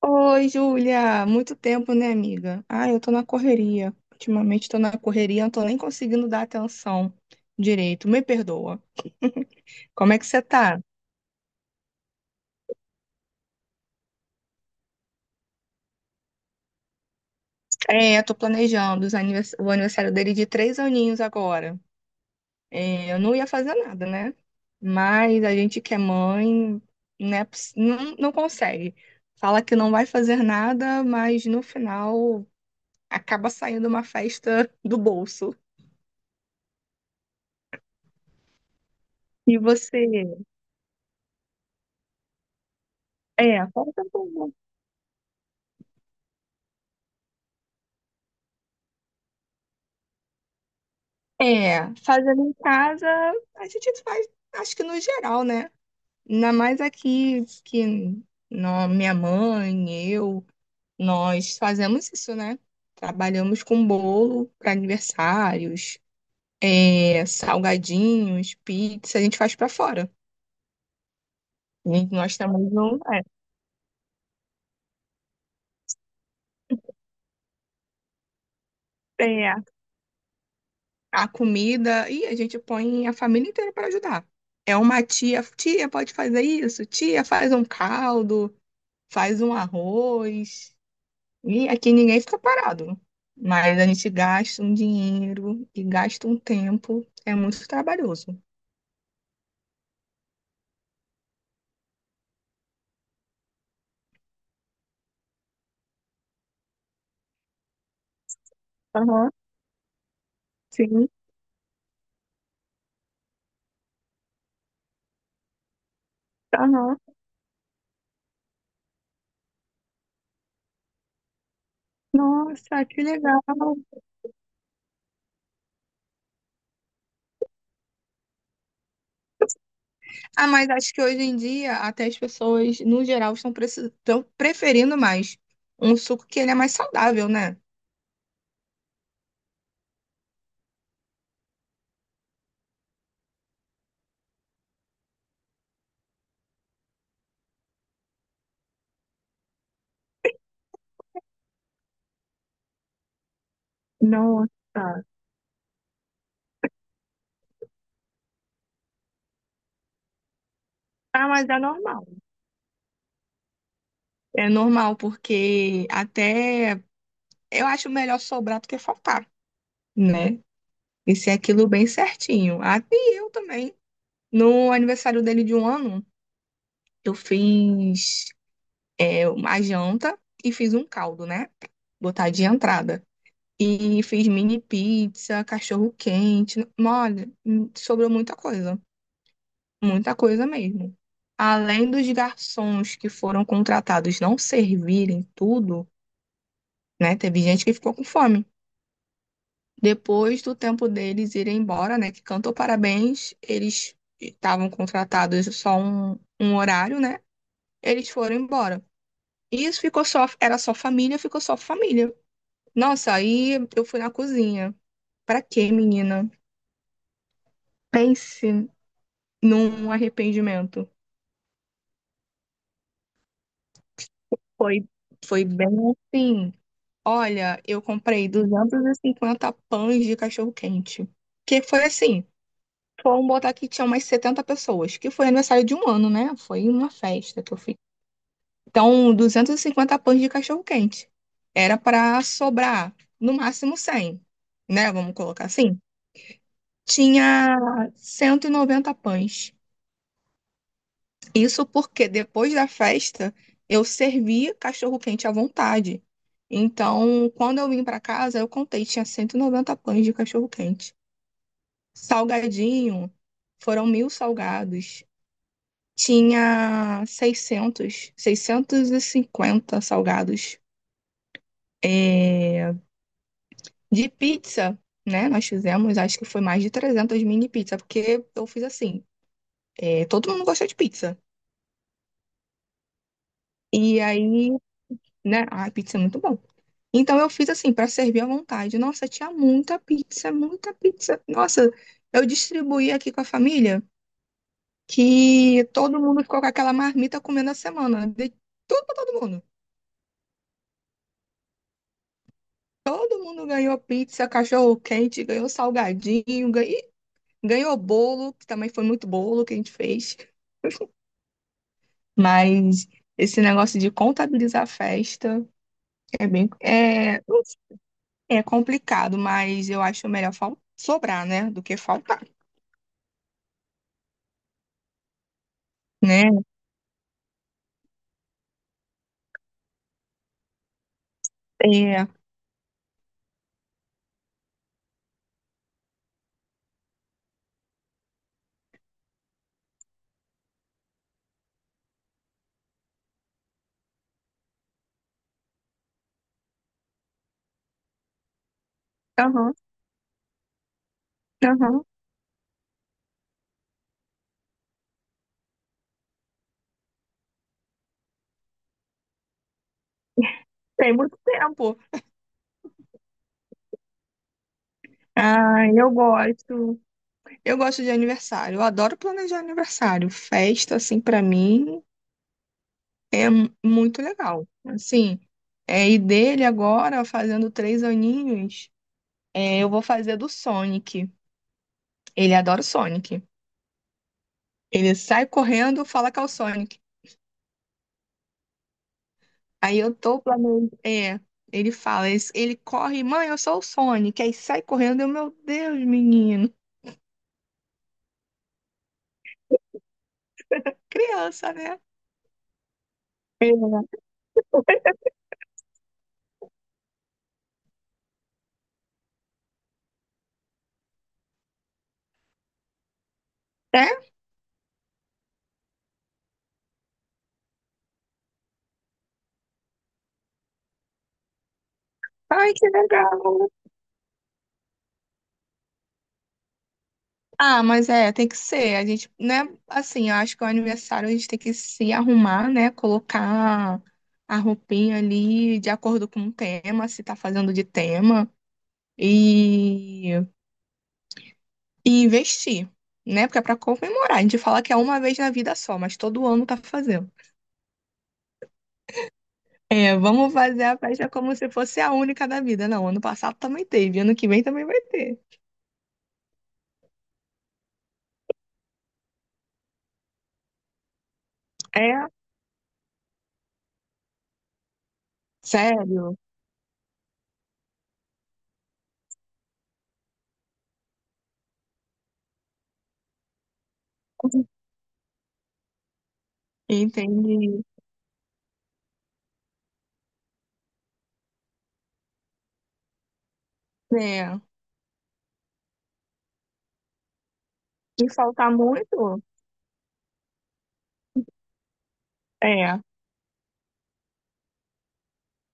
Oi, Júlia! Muito tempo, né, amiga? Ah, eu tô na correria. Ultimamente tô na correria, não tô nem conseguindo dar atenção direito. Me perdoa. Como é que você tá? É, tô planejando o aniversário dele de 3 aninhos agora. É, eu não ia fazer nada, né? Mas a gente que é mãe, né, não, não consegue. Fala que não vai fazer nada, mas no final acaba saindo uma festa do bolso. E você? É, conta um pouco. É, fazendo em casa, a gente faz, acho que no geral, né? Ainda mais aqui que minha mãe, eu, nós fazemos isso, né? Trabalhamos com bolo para aniversários, salgadinhos, pizza, a gente faz para fora. E nós também não é, é, a comida e a gente põe a família inteira para ajudar. É uma tia, tia pode fazer isso, tia faz um caldo, faz um arroz. E aqui ninguém fica parado. Mas a gente gasta um dinheiro e gasta um tempo. É muito trabalhoso. Aham, sim, aham. Nossa, que legal. Ah, mas acho que hoje em dia até as pessoas, no geral, estão preferindo mais um suco que ele é mais saudável, né? Nossa. Ah, mas é normal. É normal, porque até eu acho melhor sobrar do que faltar, né? E ser aquilo bem certinho. Ah, e eu também. No aniversário dele de 1 ano, eu fiz uma janta e fiz um caldo, né? Botar de entrada. E fiz mini pizza, cachorro quente. Olha, sobrou muita coisa. Muita coisa mesmo. Além dos garçons que foram contratados não servirem tudo, né? Teve gente que ficou com fome. Depois do tempo deles irem embora, né? Que cantou parabéns, eles estavam contratados só um horário, né? Eles foram embora. Isso ficou só, era só família, ficou só família. Nossa, aí eu fui na cozinha. Pra quê, menina? Pense num arrependimento. Foi, foi bem assim. Olha, eu comprei 250 pães de cachorro-quente. Que foi assim, foram botar que tinha umas 70 pessoas, que foi aniversário de 1 ano, né? Foi uma festa que eu fiz. Então, 250 pães de cachorro-quente. Era para sobrar no máximo 100, né? Vamos colocar assim. Tinha 190 pães. Isso porque depois da festa eu servi cachorro-quente à vontade. Então, quando eu vim para casa, eu contei, tinha 190 pães de cachorro-quente. Salgadinho, foram 1.000 salgados. Tinha 650 salgados. É, de pizza, né? Nós fizemos, acho que foi mais de 300 mini pizza, porque eu fiz assim, é, todo mundo gosta de pizza. E aí, né? Ai, pizza é muito bom. Então eu fiz assim, para servir à vontade. Nossa, tinha muita pizza, muita pizza. Nossa, eu distribuí aqui com a família que todo mundo ficou com aquela marmita comendo a semana. De tudo para todo mundo. Todo mundo ganhou pizza, cachorro quente, ganhou salgadinho, ganhou bolo, que também foi muito bolo que a gente fez. Mas esse negócio de contabilizar a festa é bem, é complicado, mas eu acho melhor sobrar, né, do que faltar. Né, é. Aham, aham. Tem muito tempo. Ah, eu gosto. Eu gosto de aniversário. Eu adoro planejar aniversário. Festa, assim, pra mim é muito legal. Assim, é, e dele agora, fazendo 3 aninhos, é, eu vou fazer do Sonic. Ele adora o Sonic. Ele sai correndo, fala que é o Sonic. Aí eu tô planejando. É, ele fala, ele corre, mãe, eu sou o Sonic. Aí sai correndo, eu, meu Deus, menino. Criança, né? É? Ai, que legal. Ah, mas é, tem que ser. A gente, né? Assim, eu acho que o aniversário a gente tem que se arrumar, né? Colocar a roupinha ali de acordo com o tema, se tá fazendo de tema, e, e investir, né? Porque é pra comemorar. A gente fala que é uma vez na vida só, mas todo ano tá fazendo. É, vamos fazer a festa como se fosse a única da vida. Não, ano passado também teve, ano que vem também vai ter. É, sério. Entendi. É. E faltar muito? É.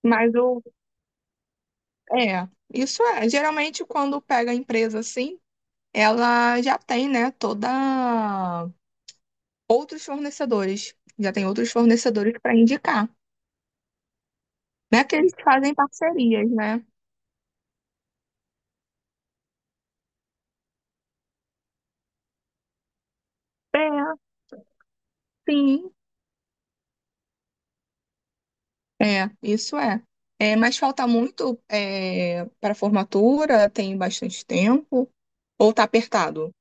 Mas o. É. Isso é. Geralmente, quando pega a empresa assim, ela já tem, né, toda. Outros fornecedores. Já tem outros fornecedores para indicar. Não é que eles fazem parcerias, né? É, sim. É, isso é. É, mas falta muito é, para formatura, tem bastante tempo. Ou tá apertado?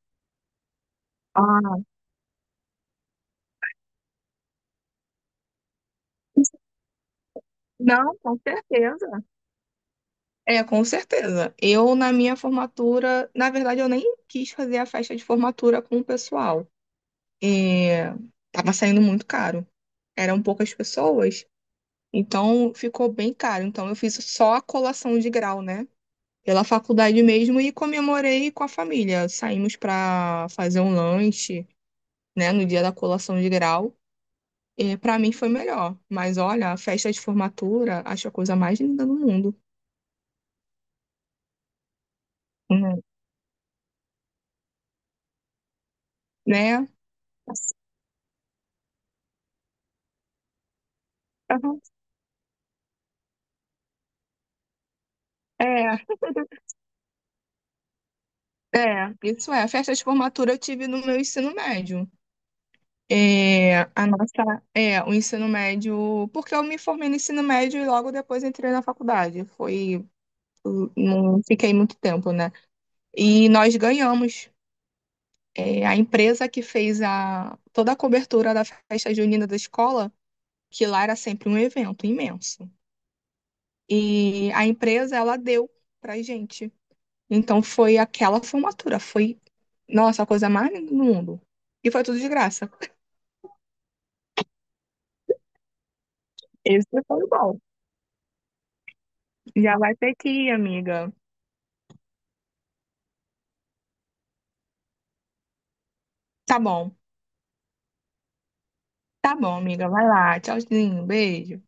Ah, não, com certeza. É, com certeza. Eu, na minha formatura, na verdade, eu nem quis fazer a festa de formatura com o pessoal. É, tava saindo muito caro. Eram poucas pessoas, então ficou bem caro. Então eu fiz só a colação de grau, né? Pela faculdade mesmo e comemorei com a família. Saímos para fazer um lanche, né, no dia da colação de grau. E para mim foi melhor. Mas olha, a festa de formatura, acho a coisa mais linda do mundo. Uhum. Né? Aham. É. É, isso é. A festa de formatura eu tive no meu ensino médio. É, a nossa, é, o ensino médio, porque eu me formei no ensino médio e logo depois entrei na faculdade. Foi, não fiquei muito tempo, né? E nós ganhamos. É, a empresa que fez a, toda a cobertura da festa junina da escola, que lá era sempre um evento imenso. E a empresa, ela deu pra gente. Então foi aquela formatura, foi, nossa, a coisa mais linda do mundo. E foi tudo de graça. Esse foi o bom. Já vai ter que ir, amiga. Tá bom. Tá bom, amiga. Vai lá. Tchauzinho. Beijo.